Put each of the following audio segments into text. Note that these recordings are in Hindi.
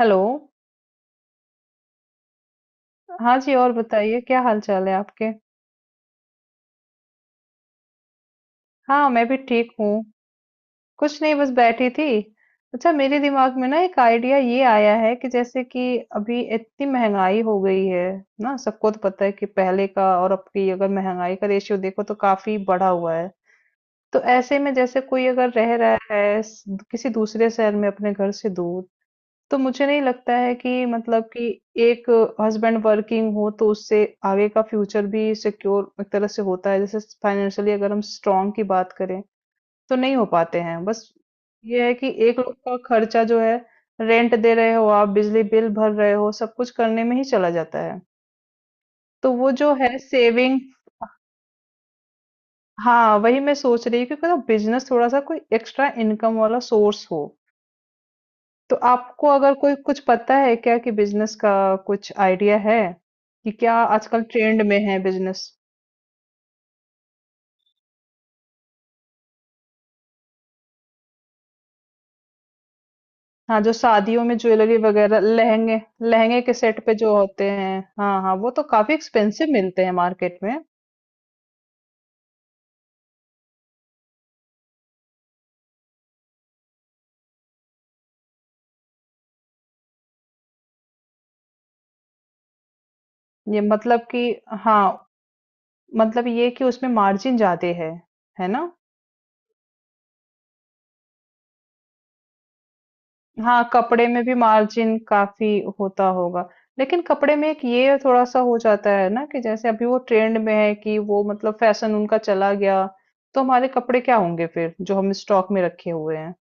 हेलो। हाँ जी, और बताइए क्या हाल चाल है आपके? हाँ, मैं भी ठीक हूँ। कुछ नहीं, बस बैठी थी। अच्छा, मेरे दिमाग में ना एक आइडिया ये आया है कि जैसे कि अभी इतनी महंगाई हो गई है ना। सबको तो पता है कि पहले का और अब की अगर महंगाई का रेशियो देखो तो काफी बढ़ा हुआ है। तो ऐसे में जैसे कोई अगर रह रहा है किसी दूसरे शहर में अपने घर से दूर, तो मुझे नहीं लगता है कि मतलब कि एक हस्बैंड वर्किंग हो तो उससे आगे का फ्यूचर भी सिक्योर एक तरह से होता है। जैसे फाइनेंशियली अगर हम स्ट्रांग की बात करें तो नहीं हो पाते हैं बस। ये है कि एक लोग का खर्चा जो है, रेंट दे रहे हो आप, बिजली बिल भर रहे हो, सब कुछ करने में ही चला जाता है। तो वो जो है सेविंग, हाँ वही मैं सोच रही हूँ कि बिजनेस थोड़ा सा कोई एक्स्ट्रा इनकम वाला सोर्स हो। तो आपको अगर कोई कुछ पता है क्या, कि बिजनेस का कुछ आइडिया है कि क्या आजकल ट्रेंड में है बिजनेस? हाँ, जो शादियों में ज्वेलरी वगैरह लहंगे लहंगे के सेट पे जो होते हैं, हाँ हाँ, वो तो काफी एक्सपेंसिव मिलते हैं मार्केट में। ये मतलब कि हाँ, मतलब ये कि उसमें मार्जिन ज्यादा है ना। हाँ, कपड़े में भी मार्जिन काफी होता होगा। लेकिन कपड़े में एक ये थोड़ा सा हो जाता है ना कि जैसे अभी वो ट्रेंड में है कि वो मतलब फैशन उनका चला गया, तो हमारे कपड़े क्या होंगे फिर जो हम स्टॉक में रखे हुए हैं।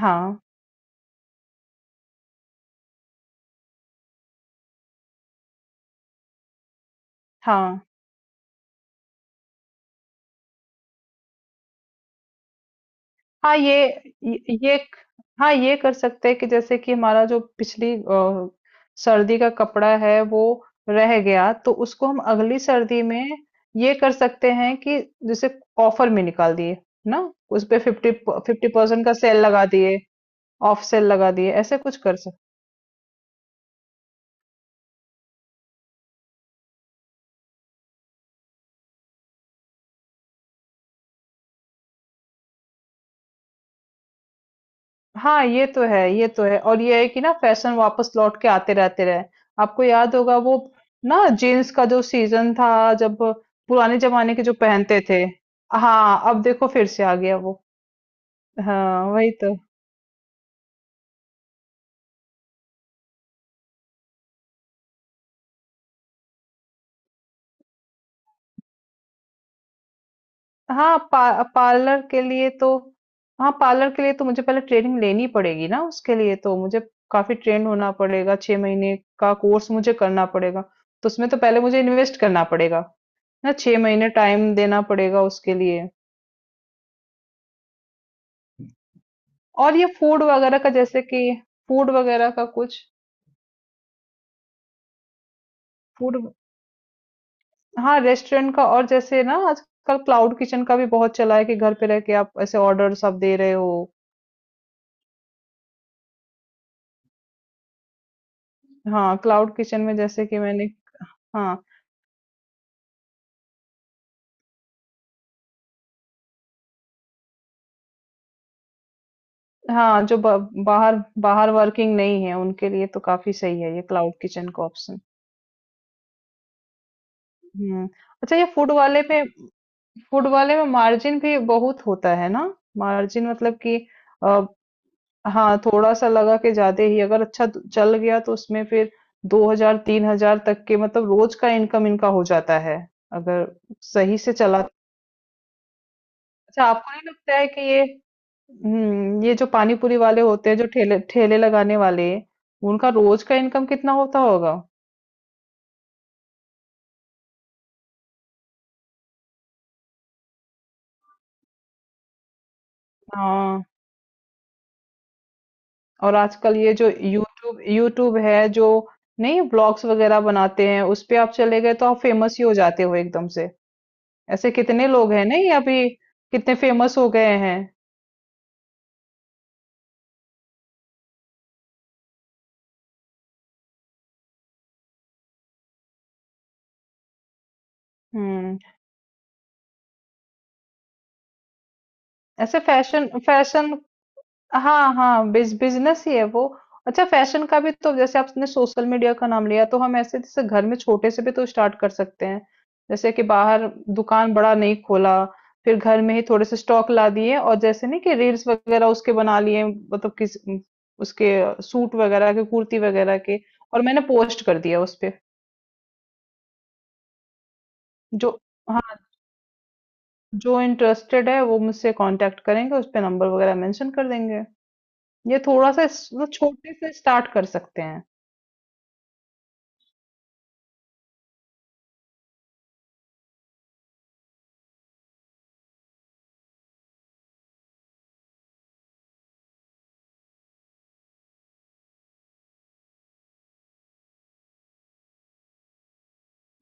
हाँ हाँ हाँ। ये ये- हाँ, ये कर सकते हैं कि जैसे कि हमारा जो पिछली सर्दी का कपड़ा है वो रह गया, तो उसको हम अगली सर्दी में ये कर सकते हैं कि जैसे ऑफर में निकाल दिए ना, उस पे 50% का सेल लगा दिए, ऑफ सेल लगा दिए, ऐसे कुछ कर। हाँ ये तो है, ये तो है, और ये है कि ना फैशन वापस लौट के आते रहते रहे। आपको याद होगा वो ना, जीन्स का जो सीजन था जब पुराने जमाने के जो पहनते थे, हाँ अब देखो फिर से आ गया वो। हाँ वही तो। पार्लर के लिए तो हाँ, पार्लर के लिए तो मुझे पहले ट्रेनिंग लेनी पड़ेगी ना, उसके लिए तो मुझे काफी ट्रेन होना पड़ेगा, 6 महीने का कोर्स मुझे करना पड़ेगा। तो उसमें तो पहले मुझे इन्वेस्ट करना पड़ेगा ना, 6 महीने टाइम देना पड़ेगा उसके लिए। और ये फूड वगैरह का जैसे कि फूड वगैरह का कुछ, फूड, हाँ रेस्टोरेंट का। और जैसे ना आजकल क्लाउड किचन का भी बहुत चला है कि घर पे रह के आप ऐसे ऑर्डर सब दे रहे हो। हाँ क्लाउड किचन में जैसे कि मैंने, हाँ हाँ, जो बाहर, बाहर वर्किंग नहीं है उनके लिए तो काफी सही है ये क्लाउड किचन का ऑप्शन। हम्म, अच्छा, ये फूड वाले में, फूड वाले में मार्जिन भी बहुत होता है ना। मार्जिन मतलब कि हाँ थोड़ा सा लगा कि ज्यादा ही अगर अच्छा तो चल गया तो उसमें फिर 2 हजार 3 हजार तक के मतलब रोज का इनकम इनका हो जाता है, अगर सही से चला तो। अच्छा, आपको नहीं लगता है कि ये, हम्म, ये जो पानी पूरी वाले होते हैं जो ठेले ठेले लगाने वाले, उनका रोज का इनकम कितना होता होगा? हाँ। और आजकल ये जो यूट्यूब यूट्यूब है जो, नहीं, ब्लॉग्स वगैरह बनाते हैं, उस पे आप चले गए तो आप फेमस ही हो जाते हो एकदम से। ऐसे कितने लोग हैं नहीं, अभी कितने फेमस हो गए हैं। हम्म, ऐसे फैशन फैशन, हाँ हाँ, बिजनेस ही है वो। अच्छा, फैशन का भी तो जैसे आपने सोशल मीडिया का नाम लिया, तो हम ऐसे जैसे घर में छोटे से भी तो स्टार्ट कर सकते हैं, जैसे कि बाहर दुकान बड़ा नहीं खोला, फिर घर में ही थोड़े से स्टॉक ला दिए और जैसे नहीं कि रील्स वगैरह उसके बना लिए, मतलब किस उसके, सूट वगैरह के, कुर्ती वगैरह के, और मैंने पोस्ट कर दिया उस पे। जो हाँ, जो इंटरेस्टेड है वो मुझसे कांटेक्ट करेंगे, उस पे नंबर वगैरह मेंशन कर देंगे। ये थोड़ा सा मतलब छोटे से स्टार्ट कर सकते हैं।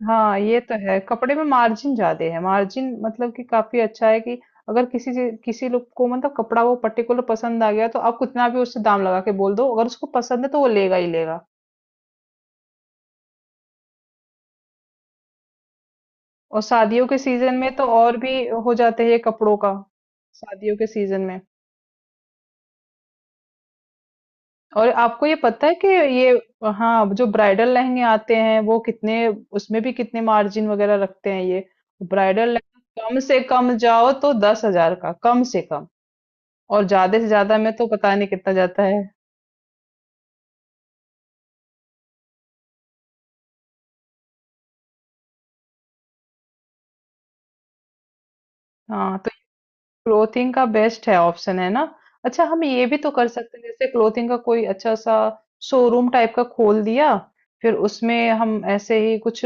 हाँ ये तो है, कपड़े में मार्जिन ज्यादा है, मार्जिन मतलब कि काफी अच्छा है कि अगर किसी से किसी लोग को मतलब कपड़ा वो पर्टिकुलर पसंद आ गया तो आप कितना भी उससे दाम लगा के बोल दो, अगर उसको पसंद है तो वो लेगा ही लेगा। और शादियों के सीजन में तो और भी हो जाते हैं ये कपड़ों का, शादियों के सीजन में। और आपको ये पता है कि ये, हाँ जो ब्राइडल लहंगे आते हैं वो कितने, उसमें भी कितने मार्जिन वगैरह रखते हैं ये? ब्राइडल लहंगा कम से कम जाओ तो 10 हजार का कम से कम, और ज्यादा से ज्यादा में तो पता नहीं कितना जाता है। हाँ तो क्लोथिंग का बेस्ट है ऑप्शन, है ना। अच्छा, हम ये भी तो कर सकते हैं जैसे क्लोथिंग का कोई अच्छा सा शोरूम टाइप का खोल दिया, फिर उसमें हम ऐसे ही कुछ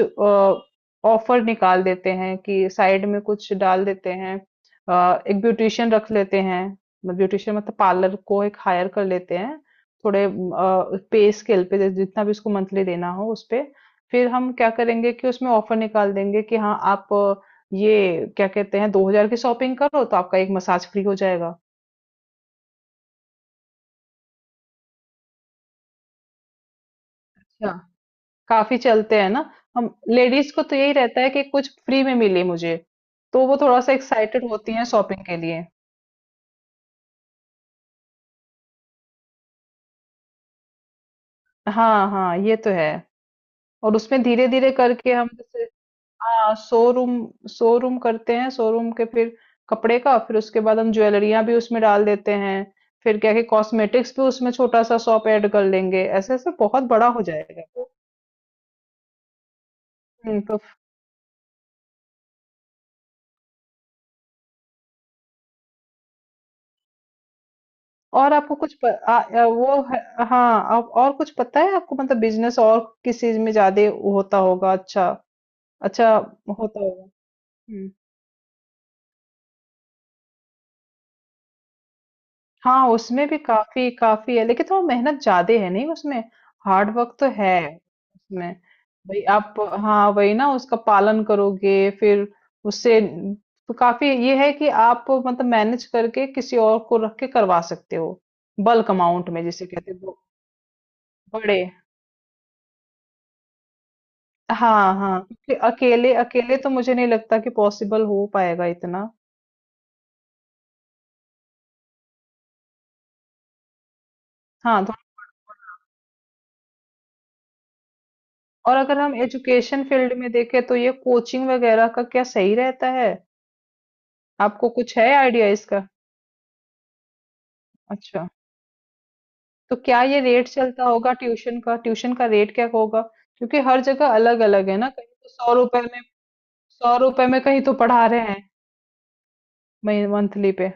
ऑफर निकाल देते हैं कि साइड में कुछ डाल देते हैं, एक ब्यूटिशियन रख लेते हैं, मतलब ब्यूटिशियन मतलब पार्लर को एक हायर कर लेते हैं, थोड़े पे स्केल पे जैसे जितना भी उसको मंथली देना हो उस पे। फिर हम क्या करेंगे कि उसमें ऑफर निकाल देंगे कि हाँ आप ये क्या कहते हैं, 2 हजार की शॉपिंग करो तो आपका एक मसाज फ्री हो जाएगा। अच्छा, काफी चलते हैं ना। हम लेडीज को तो यही रहता है कि कुछ फ्री में मिले मुझे, तो वो थोड़ा सा एक्साइटेड होती हैं शॉपिंग के लिए। हाँ हाँ, ये तो है। और उसमें धीरे धीरे करके हम जैसे, हाँ शोरूम शोरूम करते हैं, शोरूम के फिर कपड़े का, फिर उसके बाद हम ज्वेलरियां भी उसमें डाल देते हैं, फिर क्या है, कॉस्मेटिक्स भी उसमें छोटा सा शॉप ऐड कर लेंगे, ऐसे ऐसे बहुत बड़ा हो जाएगा। तो और आपको कुछ प, आ, आ, वो है, हाँ आप, और कुछ पता है आपको मतलब बिजनेस और किस चीज में ज्यादा होता होगा? अच्छा, अच्छा होता होगा। हम्म, हाँ उसमें भी काफी काफी है, लेकिन थोड़ा मेहनत ज्यादा है नहीं उसमें, हार्ड वर्क तो है उसमें। भाई आप, हाँ वही ना, उसका पालन करोगे फिर उससे तो काफी ये है कि आप मतलब मैनेज करके किसी और को रख के करवा सकते हो, बल्क अमाउंट में जिसे कहते हैं वो, बड़े। हाँ हाँ, क्योंकि अकेले अकेले तो मुझे नहीं लगता कि पॉसिबल हो पाएगा इतना। हाँ तो, और अगर हम एजुकेशन फील्ड में देखें तो ये कोचिंग वगैरह का क्या सही रहता है, आपको कुछ है आइडिया इसका? अच्छा, तो क्या ये रेट चलता होगा ट्यूशन का, ट्यूशन का रेट क्या होगा? क्योंकि हर जगह अलग अलग है ना, कहीं तो 100 रुपए में, 100 रुपए में कहीं तो पढ़ा रहे हैं, मही मंथली पे।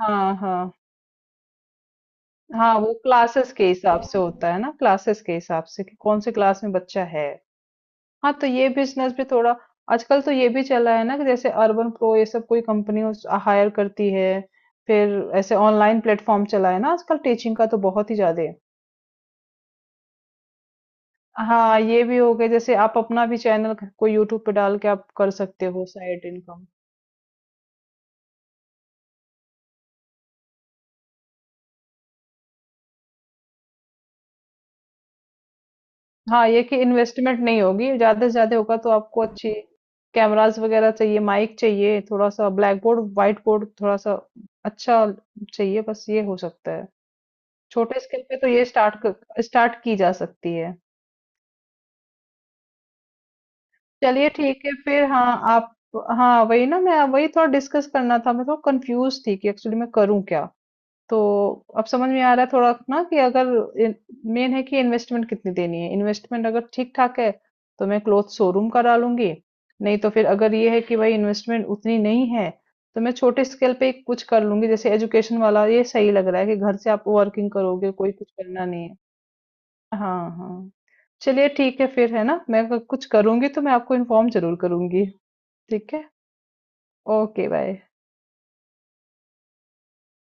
हाँ हाँ हाँ, वो क्लासेस के हिसाब से होता है ना, क्लासेस के हिसाब से कि कौन से क्लास में बच्चा है। हाँ तो ये बिजनेस भी थोड़ा, आजकल तो ये भी चला है ना कि जैसे अर्बन प्रो ये सब कोई कंपनी हायर करती है, फिर ऐसे ऑनलाइन प्लेटफॉर्म चला है ना आजकल टीचिंग का तो, बहुत ही ज्यादा। हाँ ये भी हो गया, जैसे आप अपना भी चैनल कोई यूट्यूब पे डाल के आप कर सकते हो साइड इनकम। हाँ ये कि इन्वेस्टमेंट नहीं होगी, ज्यादा से ज्यादा होगा तो आपको अच्छी कैमराज वगैरह चाहिए, माइक चाहिए, थोड़ा सा ब्लैक बोर्ड व्हाइट बोर्ड थोड़ा सा, अच्छा चाहिए, बस ये हो सकता है। छोटे स्केल पे तो ये स्टार्ट स्टार्ट की जा सकती है। चलिए ठीक है फिर, हाँ आप, हाँ वही ना, मैं वही थोड़ा डिस्कस करना था, मैं थोड़ा कंफ्यूज थी कि एक्चुअली मैं करूँ क्या। तो अब समझ में आ रहा है थोड़ा ना कि अगर मेन है कि इन्वेस्टमेंट कितनी देनी है, इन्वेस्टमेंट अगर ठीक ठाक है तो मैं क्लोथ शोरूम करा लूंगी, नहीं तो फिर अगर ये है कि भाई इन्वेस्टमेंट उतनी नहीं है, तो मैं छोटे स्केल पे कुछ कर लूंगी, जैसे एजुकेशन वाला ये सही लग रहा है कि घर से आप वर्किंग करोगे, कोई कुछ करना नहीं है। हाँ, हाँ। चलिए ठीक है फिर, है ना? मैं अगर कुछ करूँगी तो मैं आपको इन्फ़ॉर्म ज़रूर करूँगी। ठीक है? Okay, bye.